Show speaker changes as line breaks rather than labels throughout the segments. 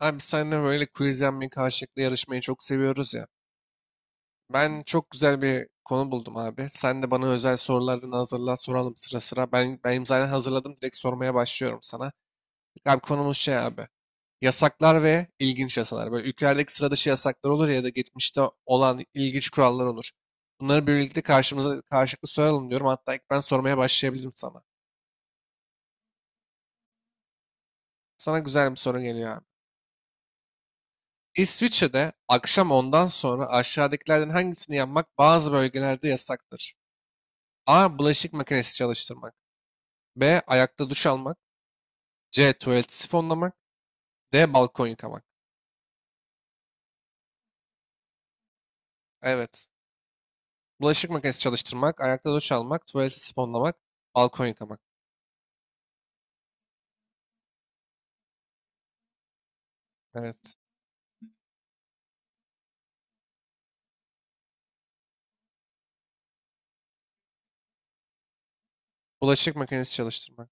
Abi biz seninle böyle quiz yapmayı karşılıklı yarışmayı çok seviyoruz ya. Ben çok güzel bir konu buldum abi. Sen de bana özel sorulardan hazırla soralım sıra sıra. Benim zaten hazırladım, direkt sormaya başlıyorum sana. Abi konumuz şey abi. Yasaklar ve ilginç yasalar. Böyle ülkelerdeki sıra dışı yasaklar olur ya da geçmişte olan ilginç kurallar olur. Bunları birlikte karşımıza karşılıklı soralım diyorum. Hatta ilk ben sormaya başlayabilirim sana. Sana güzel bir soru geliyor abi. İsviçre'de akşam ondan sonra aşağıdakilerden hangisini yapmak bazı bölgelerde yasaktır? A. Bulaşık makinesi çalıştırmak. B. Ayakta duş almak. C. Tuvaleti sifonlamak. D. Balkon yıkamak. Evet. Bulaşık makinesi çalıştırmak, ayakta duş almak, tuvaleti sifonlamak, balkon yıkamak. Evet. Bulaşık makinesi çalıştırmak.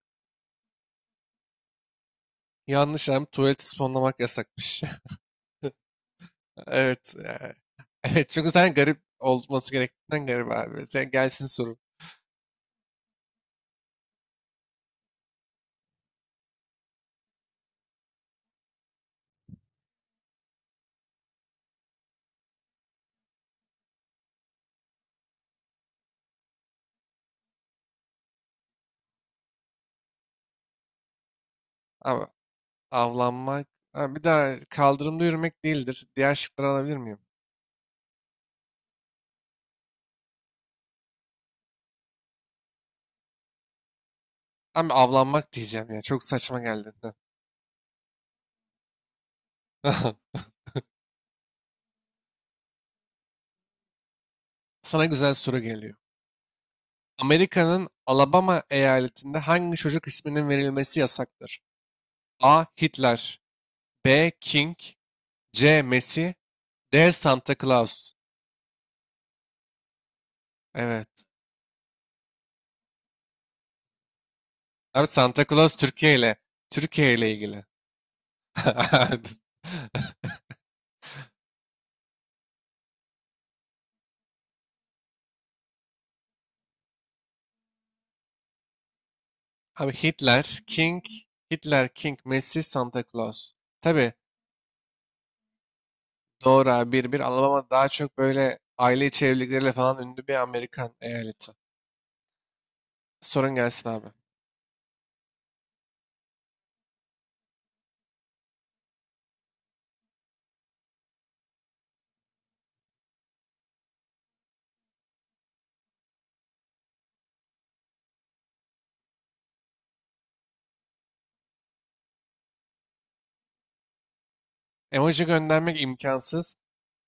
Yanlış abi, tuvaleti sifonlamak yasakmış. Evet. Evet, çünkü sen garip olması gerektiğinden garip abi. Sen gelsin sorun. Ama avlanmak. Ha, bir daha kaldırımda yürümek değildir. Diğer şıkları alabilir miyim? Abi avlanmak diyeceğim ya. Çok saçma geldi. Sana güzel soru geliyor. Amerika'nın Alabama eyaletinde hangi çocuk isminin verilmesi yasaktır? A. Hitler. B. King. C. Messi. D. Santa Claus. Evet. Abi Santa Claus Türkiye ile ilgili. Abi Hitler, King, Messi, Santa Claus. Tabii. Doğru abi, bir Alabama daha çok böyle aile içi evlilikleriyle falan ünlü bir Amerikan eyaleti. Sorun gelsin abi. Emoji göndermek imkansız.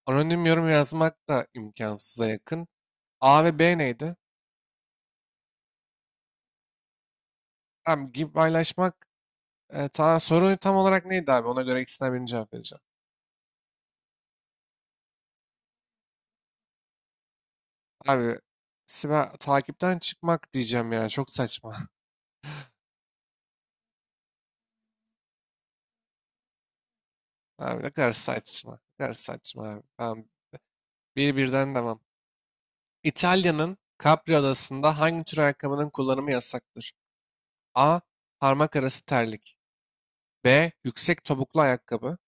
Anonim yorum yazmak da imkansıza yakın. A ve B neydi? Abi gibi paylaşmak, soru tam olarak neydi abi? Ona göre ikisinden birini cevap vereceğim. Abi takipten çıkmak diyeceğim ya. Çok saçma. Abi ne kadar saçma. Ne kadar saçma abi. Tamam. Bir birden devam. İtalya'nın Capri Adası'nda hangi tür ayakkabının kullanımı yasaktır? A. Parmak arası terlik. B. Yüksek topuklu ayakkabı.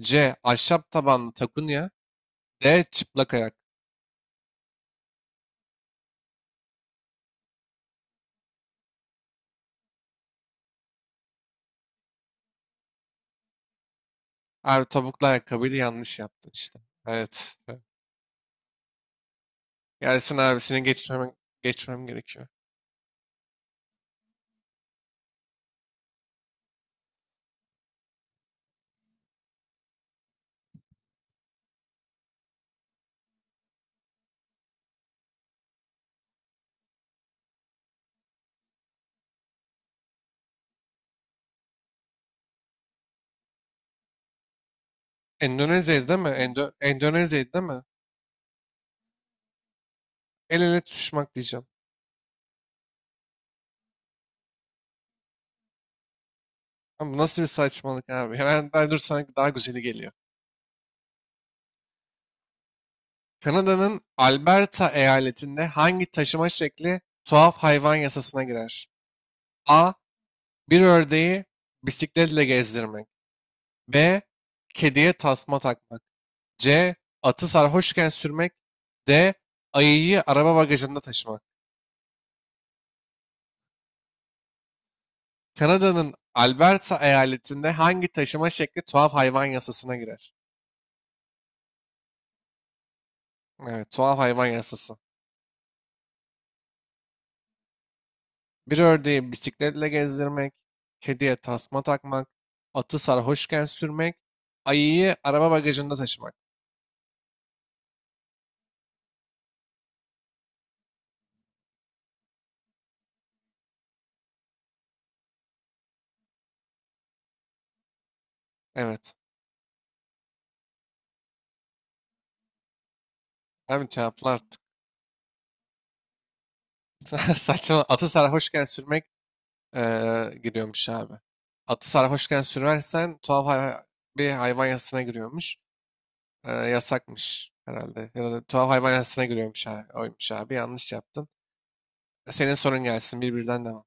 C. Ahşap tabanlı takunya. D. Çıplak ayak. Abi topuklu ayakkabıydı, yanlış yaptın işte. Evet. Gelsin abi, geçmem gerekiyor. Endonezya'ydı değil mi? Endonezya'ydı değil mi? El ele tutuşmak diyeceğim. Ama bu nasıl bir saçmalık abi? Hemen ben dur, sana daha güzeli geliyor. Kanada'nın Alberta eyaletinde hangi taşıma şekli tuhaf hayvan yasasına girer? A. Bir ördeği bisikletle gezdirmek. B. Kediye tasma takmak. C. Atı sarhoşken sürmek. D. Ayıyı araba bagajında taşımak. Kanada'nın Alberta eyaletinde hangi taşıma şekli tuhaf hayvan yasasına girer? Evet, tuhaf hayvan yasası. Bir ördeği bisikletle gezdirmek, kediye tasma takmak, atı sarhoşken sürmek, ayıyı araba bagajında taşımak. Evet. Abi cevaplar artık. Saçma. Atı sarhoşken sürmek, giriyormuş abi. Atı sarhoşken sürersen tuhaf hay- bir hayvan yasasına giriyormuş. Yasakmış herhalde. Ya da tuhaf hayvan yasasına giriyormuş abi. Oymuş abi. Yanlış yaptın. Senin sorun gelsin. Birbirinden devam.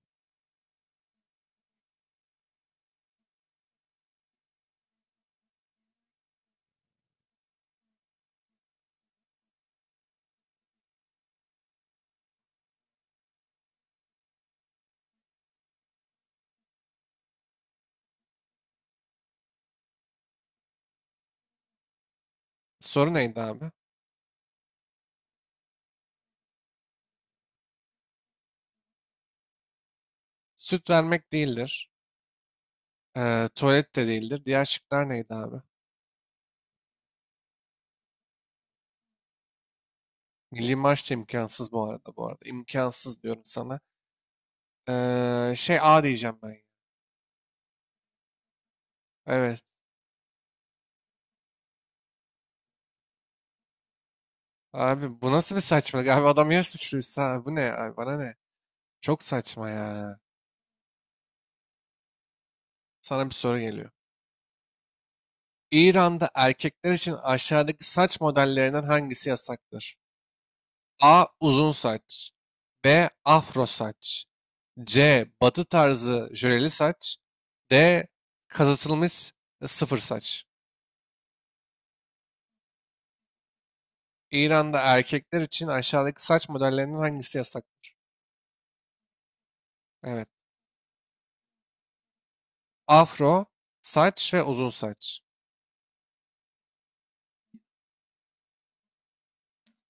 Soru neydi abi? Süt vermek değildir. Tuvalet de değildir. Diğer şıklar neydi abi? Milli maç da imkansız, bu arada. İmkansız diyorum sana. Şey, A diyeceğim ben. Evet. Abi bu nasıl bir saçmalık? Abi adam ya suçluysa, abi bu ne? Abi bana ne? Çok saçma ya. Sana bir soru geliyor. İran'da erkekler için aşağıdaki saç modellerinden hangisi yasaktır? A. Uzun saç. B. Afro saç. C. Batı tarzı jöleli saç. D. Kazıtılmış sıfır saç. İran'da erkekler için aşağıdaki saç modellerinden hangisi yasaktır? Evet. Afro saç ve uzun saç.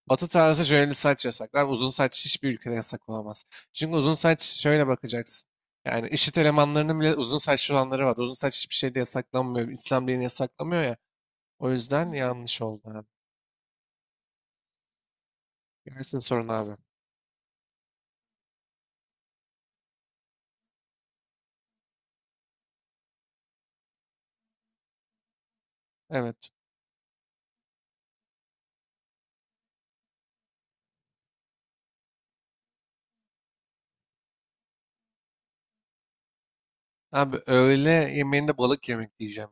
Batı tarzı jöleli saç yasaklar. Uzun saç hiçbir ülkede yasak olamaz. Çünkü uzun saç şöyle bakacaksın. Yani IŞİD elemanlarının bile uzun saçlı olanları var. Uzun saç hiçbir şeyde yasaklanmıyor. İslam dini yasaklamıyor ya. O yüzden yanlış oldu abi. Gelsin sorun abi. Evet. Abi öğle yemeğinde balık yemek diyeceğim.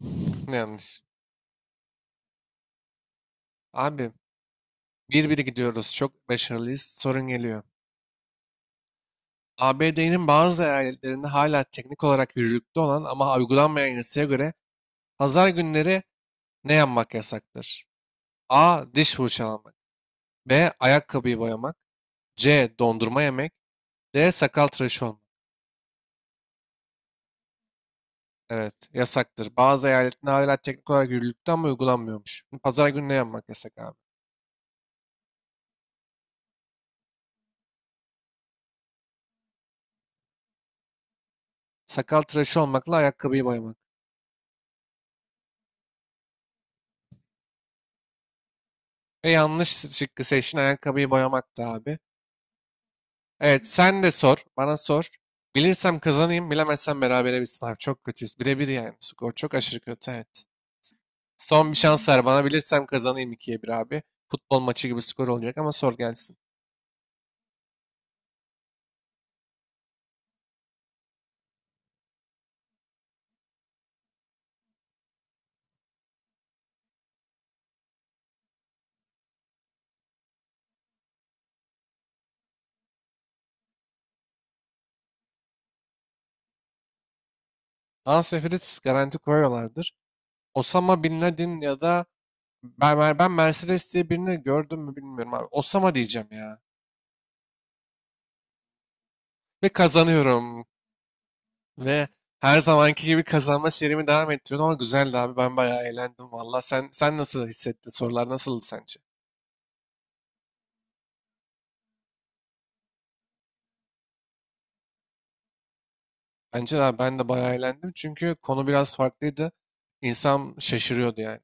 Yanlış. Abi bir biri gidiyoruz. Çok başarılıyız. Sorun geliyor. ABD'nin bazı eyaletlerinde hala teknik olarak yürürlükte olan ama uygulanmayan yasaya göre pazar günleri ne yapmak yasaktır? A. Diş fırçalamak. B. Ayakkabıyı boyamak. C. Dondurma yemek. D. Sakal tıraşı olmak. Evet, yasaktır. Bazı eyaletlerde hala teknik olarak yürürlükte ama uygulanmıyormuş. Şimdi pazar günü ne yapmak yasak abi? Sakal tıraşı olmakla ayakkabıyı boyamak. Ve yanlış şıkkı seçin, ayakkabıyı boyamak da abi. Evet, sen de sor. Bana sor. Bilirsem kazanayım, bilemezsem berabere bitsin abi. Çok kötüyüz. Bire bir yani. Skor çok aşırı kötü, evet. Son bir şans ver bana. Bilirsem kazanayım, ikiye bir abi. Futbol maçı gibi skor olacak, ama sor gelsin. Ansefrit garanti koyuyorlardır. Osama Bin Laden ya da ben Mercedes diye birini gördüm mü bilmiyorum abi. Osama diyeceğim ya. Ve kazanıyorum. Ve her zamanki gibi kazanma serimi devam ettiriyorum, ama güzeldi abi. Ben bayağı eğlendim valla. Sen nasıl hissettin? Sorular nasıldı sence? Bence de abi, ben de bayağı eğlendim. Çünkü konu biraz farklıydı. İnsan şaşırıyordu yani.